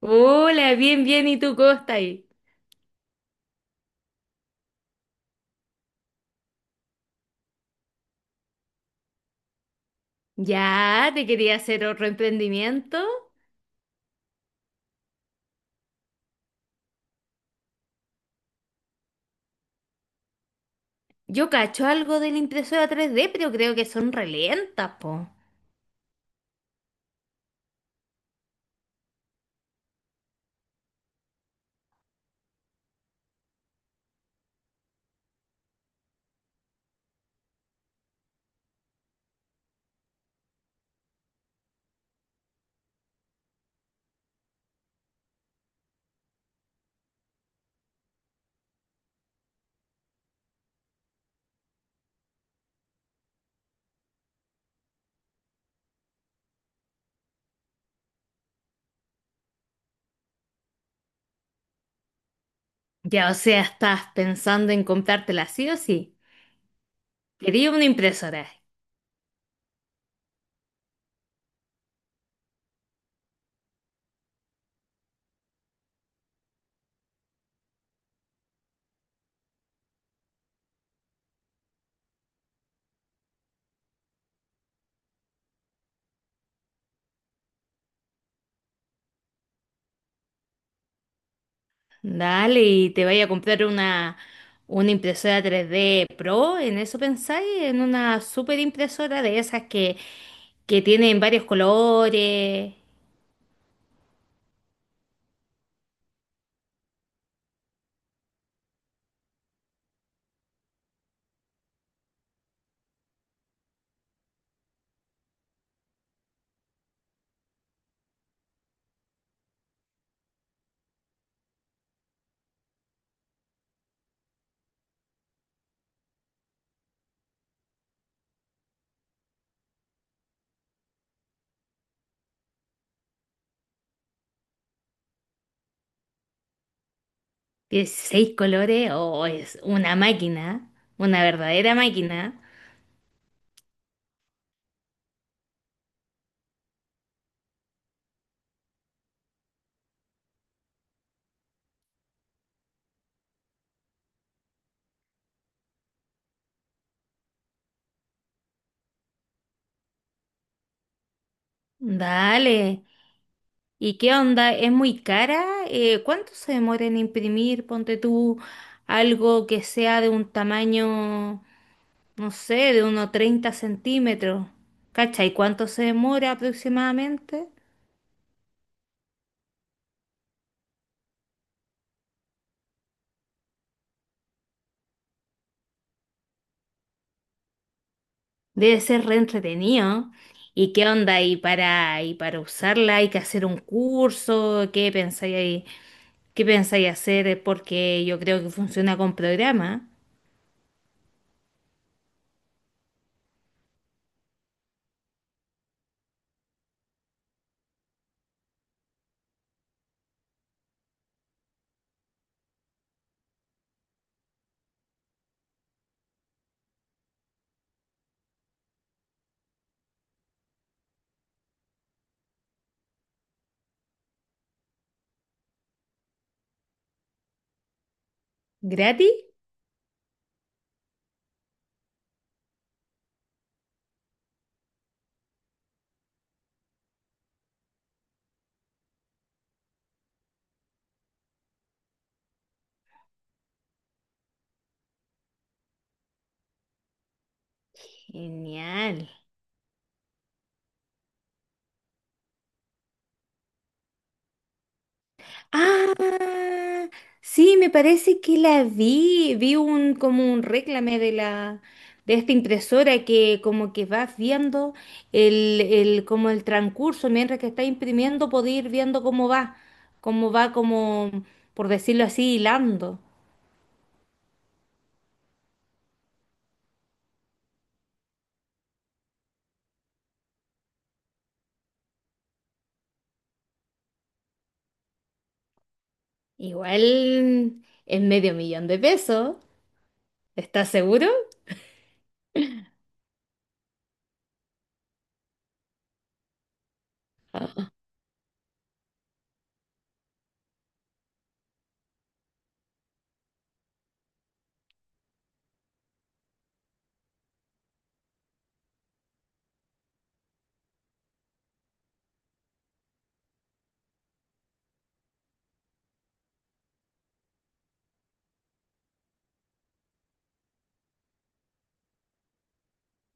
Hola, bien, bien, ¿y tú cómo estás ahí? Ya, te quería hacer otro emprendimiento. Yo cacho algo de la impresora 3D pero creo que son relentas, po. Ya, o sea, estás pensando en comprártela sí o sí. Quería una impresora. Dale, y te vaya a comprar una impresora 3D Pro, ¿en eso pensáis? ¿En una super impresora de esas que tienen varios colores? 16 colores, o es una verdadera máquina. Dale. ¿Y qué onda? ¿Es muy cara? ¿Cuánto se demora en imprimir? Ponte tú algo que sea de un tamaño, no sé, de unos 30 cm. ¿Cacha? ¿Y cuánto se demora aproximadamente? Debe ser re entretenido. ¿Y qué onda? ¿Y para usarla hay que hacer un curso? ¿Qué pensáis ahí? ¿Qué pensáis hacer? Porque yo creo que funciona con programa. ¿Gratis? Genial. Ah, sí, me parece que la vi. Vi un como un réclame de la de esta impresora que como que vas viendo el como el transcurso mientras que está imprimiendo, podéis ir viendo cómo va como por decirlo así, hilando. Igual es medio millón de pesos. ¿Estás seguro?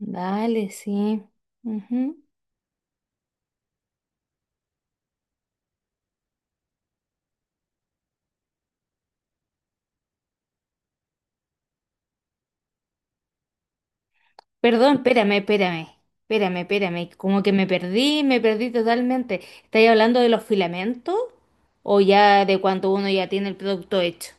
Dale, sí. Ujú. Perdón, espérame, espérame, espérame, espérame. Como que me perdí totalmente. ¿Estáis hablando de los filamentos o ya de cuánto uno ya tiene el producto hecho?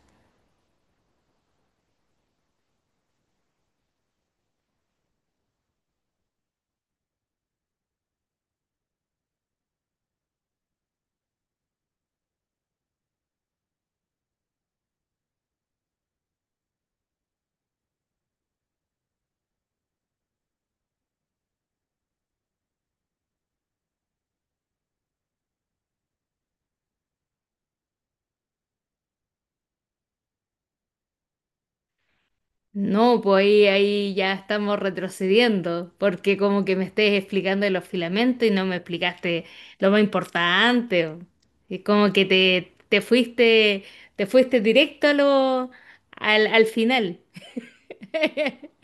No, pues ahí ya estamos retrocediendo, porque como que me estés explicando de los filamentos y no me explicaste lo más importante. Y como que te fuiste directo a al final.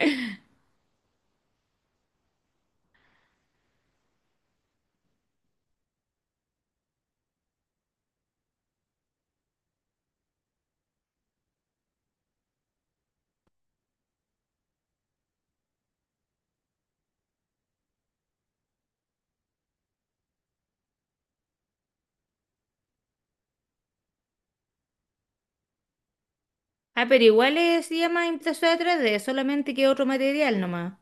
Ah, pero igual se llama impresora 3D, solamente que otro material nomás.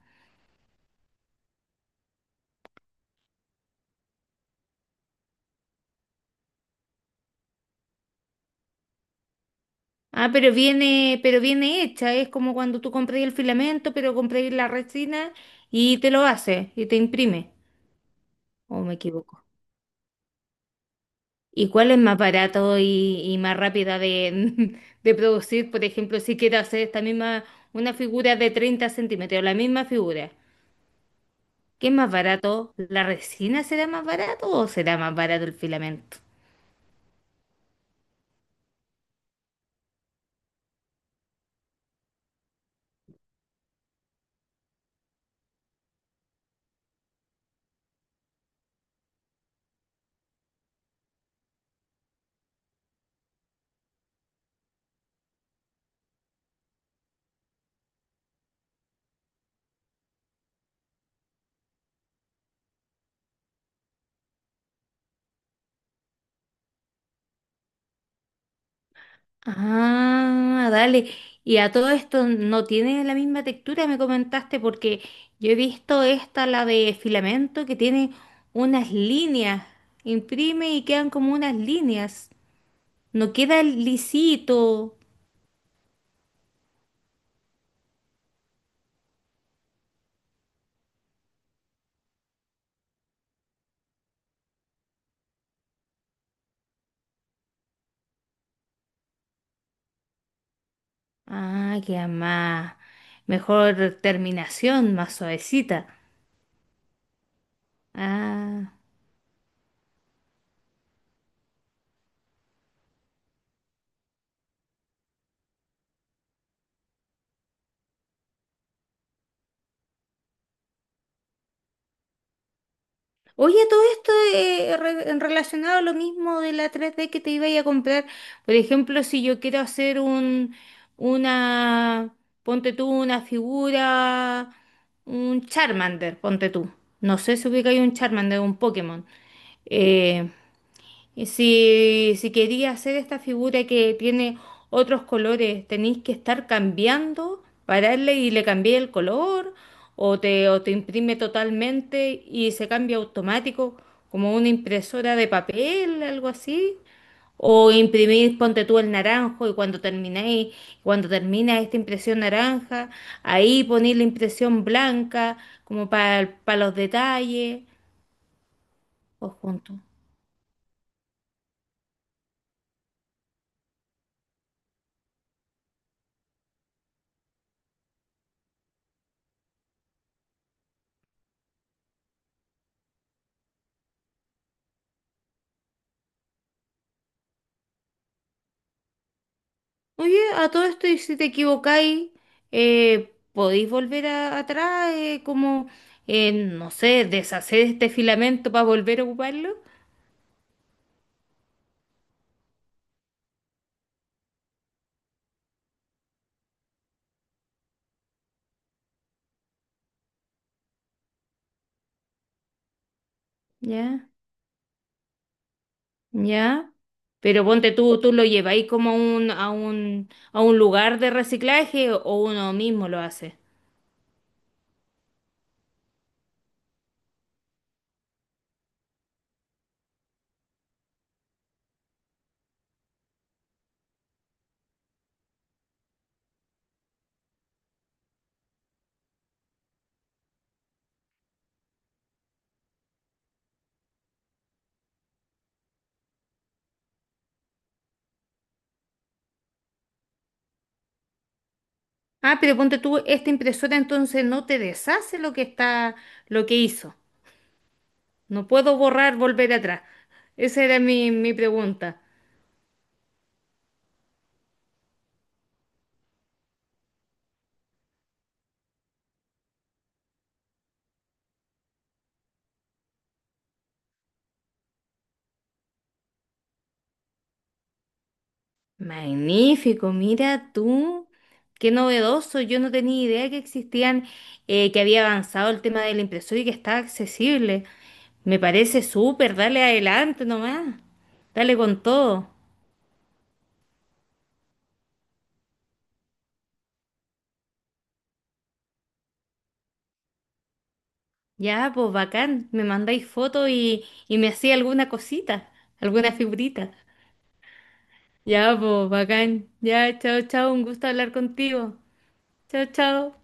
Ah, pero viene hecha, es como cuando tú compras el filamento, pero compras la resina y te lo hace y te imprime. ¿O me equivoco? ¿Y cuál es más barato y más rápida de, de producir? Por ejemplo, si quiero hacer una figura de 30 cm, la misma figura. ¿Qué es más barato? ¿La resina será más barato o será más barato el filamento? Ah, dale. Y a todo esto no tiene la misma textura, me comentaste, porque yo he visto la de filamento, que tiene unas líneas. Imprime y quedan como unas líneas. No queda lisito. Ah, queda más. Mejor terminación, más suavecita. Ah. Oye, todo esto relacionado a lo mismo de la 3D que te iba a ir a comprar. Por ejemplo, si yo quiero hacer una, ponte tú, una figura, un Charmander, ponte tú. No sé si ubica ahí un Charmander, un Pokémon. Eh, y si quería hacer esta figura que tiene otros colores, tenéis que estar cambiando, pararle y le cambié el color, o te imprime totalmente y se cambia automático, como una impresora de papel, algo así. O imprimir, ponte tú el naranjo y cuando termina esta impresión naranja, ahí ponéis la impresión blanca, como para los detalles, o juntos. Oye, a todo esto, y si te equivocáis, podéis volver atrás, como, no sé, deshacer este filamento para volver a ocuparlo. Ya, ya. Pero ponte tú, tú lo lleváis como a un lugar de reciclaje o uno mismo lo hace. Ah, pero ponte tú, esta impresora entonces no te deshace lo que hizo. No puedo borrar, volver atrás. Esa era mi pregunta. Magnífico, mira tú, qué novedoso. Yo no tenía idea que existían, que había avanzado el tema de la impresora y que está accesible. Me parece súper, dale adelante nomás, dale con todo. Ya, pues bacán, me mandáis fotos y me hacía alguna cosita, alguna figurita. Ya, pues bacán, ya, chao, chao, un gusto hablar contigo. Chao, chao.